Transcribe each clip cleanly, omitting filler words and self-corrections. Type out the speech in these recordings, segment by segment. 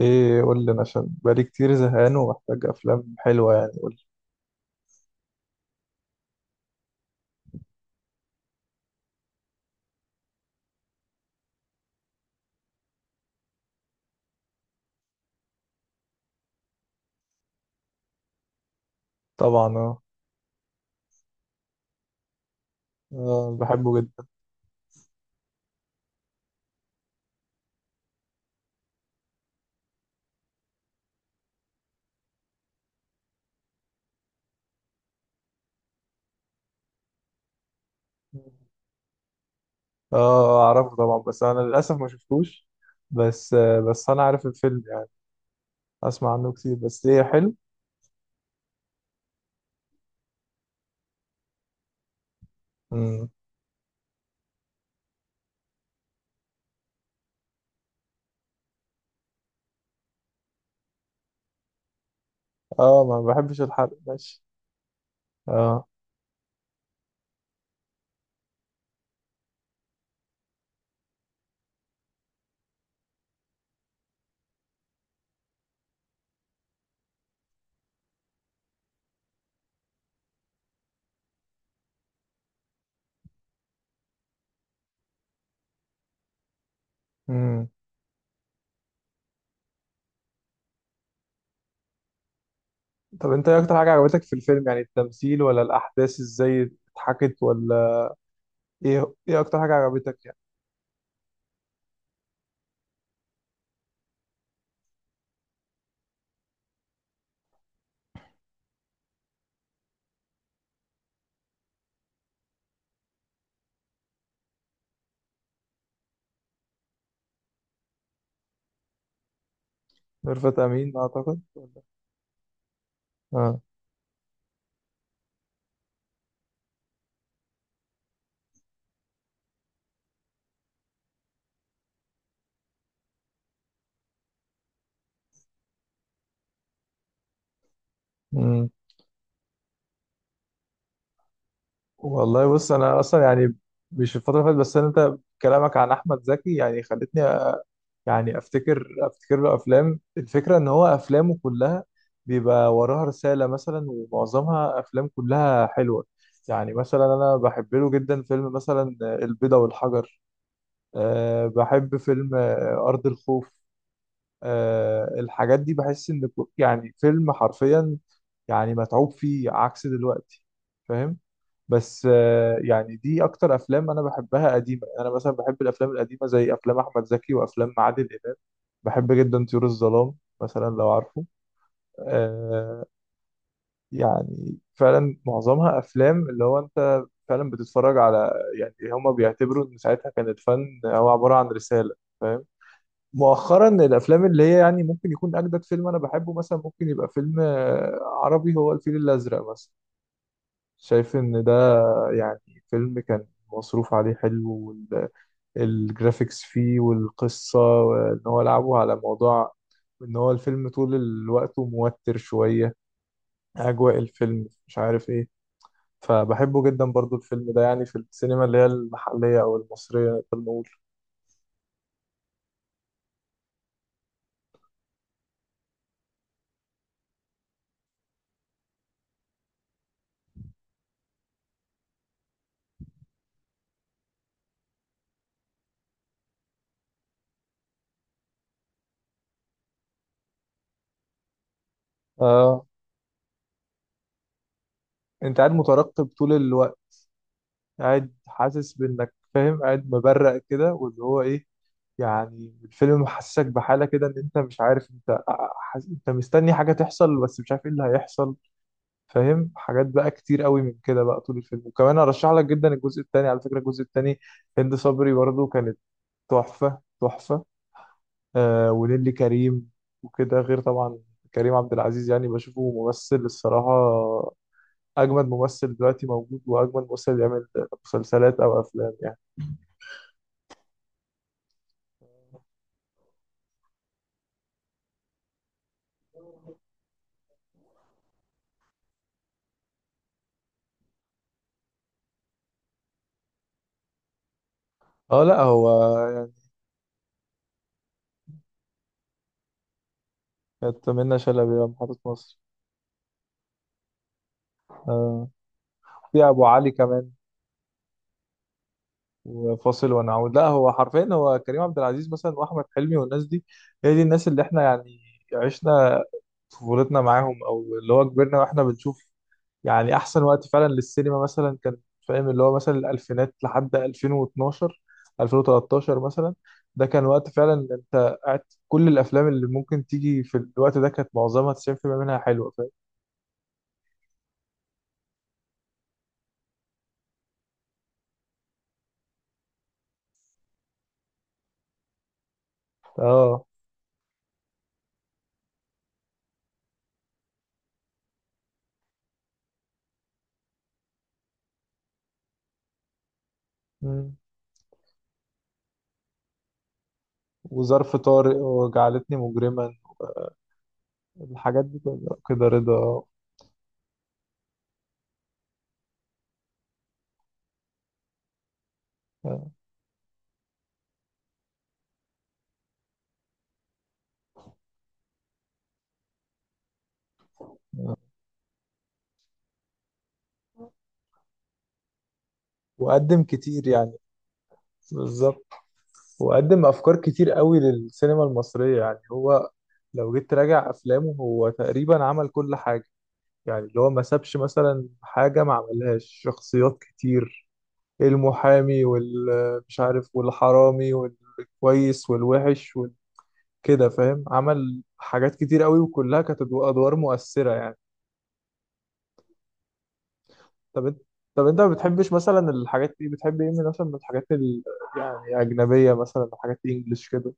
ايه، قول لي انا عشان بقالي كتير زهقان ومحتاج افلام حلوه، يعني قول لي. طبعا اه. آه، بحبه جدا. اه. آه، اعرفه طبعا بس انا للاسف ما شفتوش. بس بس انا عارف الفيلم يعني، اسمع عنه كتير، بس ايه، حلو. امم اه، ما بحبش الحرق، ماشي. اه. امم طب انت ايه اكتر حاجه عجبتك في الفيلم، يعني التمثيل ولا الاحداث، ازاي اتحكت، ولا ايه اكتر حاجه عجبتك يعني؟ ميرفت امين اعتقد. اه. مم. والله بص، انا اصلا يعني مش الفتره اللي فاتت بس، انت كلامك عن احمد زكي يعني خلتني يعني افتكر، له افلام. الفكره ان هو افلامه كلها بيبقى وراها رساله مثلا، ومعظمها افلام كلها حلوه. يعني مثلا انا بحب له جدا فيلم مثلا البيضه والحجر. أه، بحب فيلم ارض الخوف. أه، الحاجات دي بحس ان يعني فيلم حرفيا يعني متعوب فيه، عكس دلوقتي. فاهم؟ بس يعني دي اكتر افلام انا بحبها قديمه. يعني انا مثلا بحب الافلام القديمه زي افلام احمد زكي وافلام عادل امام. بحب جدا طيور الظلام مثلا، لو عارفه. آه. يعني فعلا معظمها افلام اللي هو انت فعلا بتتفرج على، يعني هما بيعتبروا ان ساعتها كان الفن هو عباره عن رساله. فاهم؟ مؤخرا الافلام اللي هي يعني ممكن يكون اجدد فيلم انا بحبه، مثلا ممكن يبقى فيلم عربي، هو الفيل الازرق مثلا. شايف ان ده يعني فيلم كان مصروف عليه حلو، والجرافيكس فيه والقصة، وان هو لعبه على موضوع ان هو الفيلم طول الوقت موتر شوية. اجواء الفيلم مش عارف ايه، فبحبه جدا برضو الفيلم ده، يعني في السينما اللي هي المحلية او المصرية نقدر نقول. آه. انت قاعد مترقب طول الوقت، قاعد حاسس بانك فاهم، قاعد مبرق كده واللي هو ايه. يعني الفيلم محسسك بحالة كده ان انت مش عارف انت، انت مستني حاجة تحصل بس مش عارف ايه اللي هيحصل. فاهم؟ حاجات بقى كتير قوي من كده بقى طول الفيلم. وكمان ارشح لك جدا الجزء الثاني، على فكرة. الجزء الثاني هند صبري برضو كانت تحفة تحفة. آه. ونيلي كريم وكده، غير طبعا كريم عبد العزيز. يعني بشوفه ممثل الصراحة أجمد ممثل دلوقتي موجود، وأجمد ممثل يعمل مسلسلات أو أفلام يعني. اه، لا هو يعني كانت منة شلبي محطة مصر. آه. في ابو علي كمان. وفاصل ونعود، لا هو حرفيا هو كريم عبد العزيز مثلا، واحمد حلمي والناس دي. هي دي الناس اللي احنا يعني عشنا طفولتنا معاهم، او اللي هو كبرنا واحنا بنشوف. يعني احسن وقت فعلا للسينما مثلا كان، فاهم، اللي هو مثلا الالفينات لحد 2012، 2013 مثلا. ده كان وقت فعلا انت قاعد كل الافلام اللي ممكن تيجي في الوقت ده كانت معظمها 90% منها حلوه. فاهم؟ اه. مم. وظرف طارق وجعلتني مجرما، الحاجات دي كلها كده رضا. وقدم كتير يعني. بالظبط. وقدم افكار كتير قوي للسينما المصريه. يعني هو لو جيت تراجع افلامه، هو تقريبا عمل كل حاجه، يعني اللي هو ما سابش مثلا حاجه ما عملهاش. شخصيات كتير، المحامي والمش عارف والحرامي والكويس والوحش وكده. فاهم؟ عمل حاجات كتير قوي وكلها كانت ادوار مؤثره يعني. طب انت، ما بتحبش مثلا الحاجات دي؟ بتحب ايه من مثلا من الحاجات يعني اجنبيه مثلا، حاجات انجلش كده.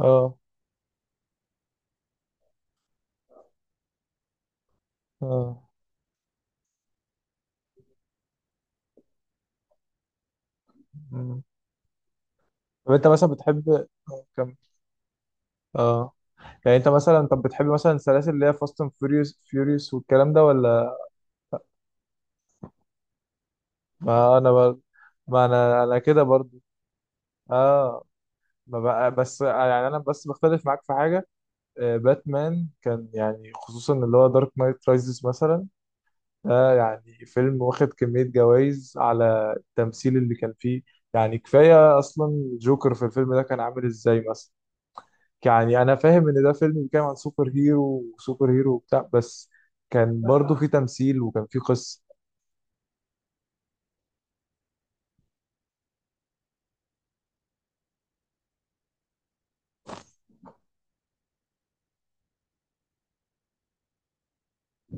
اه. اه. مم. طب انت مثلا بتحب، اه كمل. اه. يعني انت مثلا طب بتحب مثلا السلاسل اللي هي فاست اند فيوريوس، فيوريوس والكلام ده، ولا؟ ما انا بر... ما انا كده برضو. اه، ما بقى بس، يعني انا بس بختلف معاك في حاجه. آه، باتمان كان يعني، خصوصا اللي هو دارك نايت رايزز مثلا، ده يعني فيلم واخد كمية جوائز على التمثيل اللي كان فيه. يعني كفاية أصلا جوكر في الفيلم ده كان عامل إزاي مثلا. يعني أنا فاهم إن ده فيلم بيتكلم عن سوبر هيرو وسوبر هيرو وبتاع، بس كان برضه فيه تمثيل وكان فيه قصة.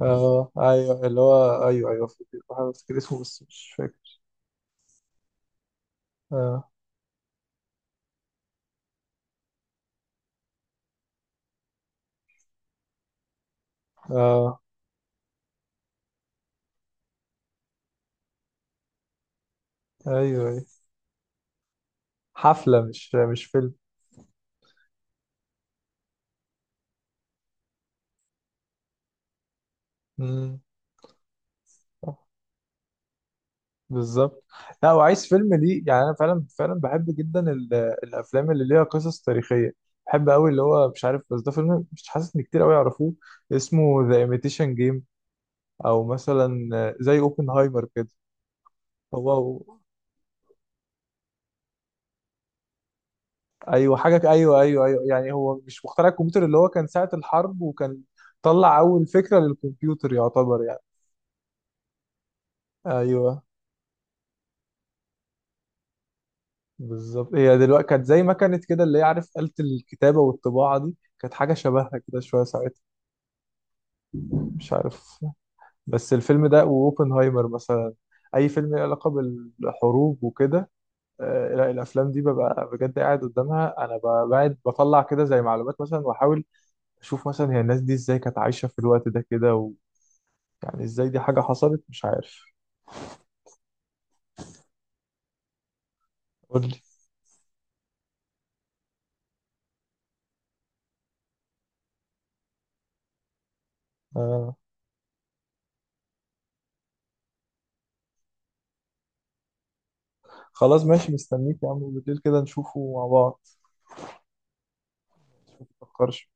آه أيوه، اللي هو أيوه أيوه، فاكر. بحاول أفتكر اسمه بس مش فاكر. آه. آه أيوه أيوه. حفلة مش فيلم. مم. بالظبط. لا، وعايز فيلم ليه. يعني انا فعلا فعلا بحب جدا الافلام اللي ليها قصص تاريخيه. بحب قوي اللي هو مش عارف، بس ده فيلم مش حاسس ان كتير قوي يعرفوه، اسمه ذا ايميتيشن جيم، او مثلا زي اوبنهايمر كده. هو؟ ايوه حاجه، ايوه ايوه ايوه. يعني هو مش مخترع الكمبيوتر، اللي هو كان ساعه الحرب وكان طلع اول فكره للكمبيوتر يعتبر يعني. ايوه بالظبط، هي دلوقتي كانت زي ما كانت كده، اللي هي عارف آلة الكتابه والطباعه دي، كانت حاجه شبهها كده شويه ساعتها، مش عارف. بس الفيلم ده واوبنهايمر مثلا، اي فيلم له علاقه بالحروب وكده، لا الافلام دي ببقى بجد قاعد قدامها انا، بقعد بطلع كده زي معلومات مثلا، واحاول اشوف مثلا هي الناس دي ازاي كانت عايشه في الوقت ده كده، و... يعني ازاي دي حاجه حصلت، مش عارف. قول لي. آه. خلاص ماشي، مستنيك يا عم بالليل كده نشوفه مع بعض. متفكرش.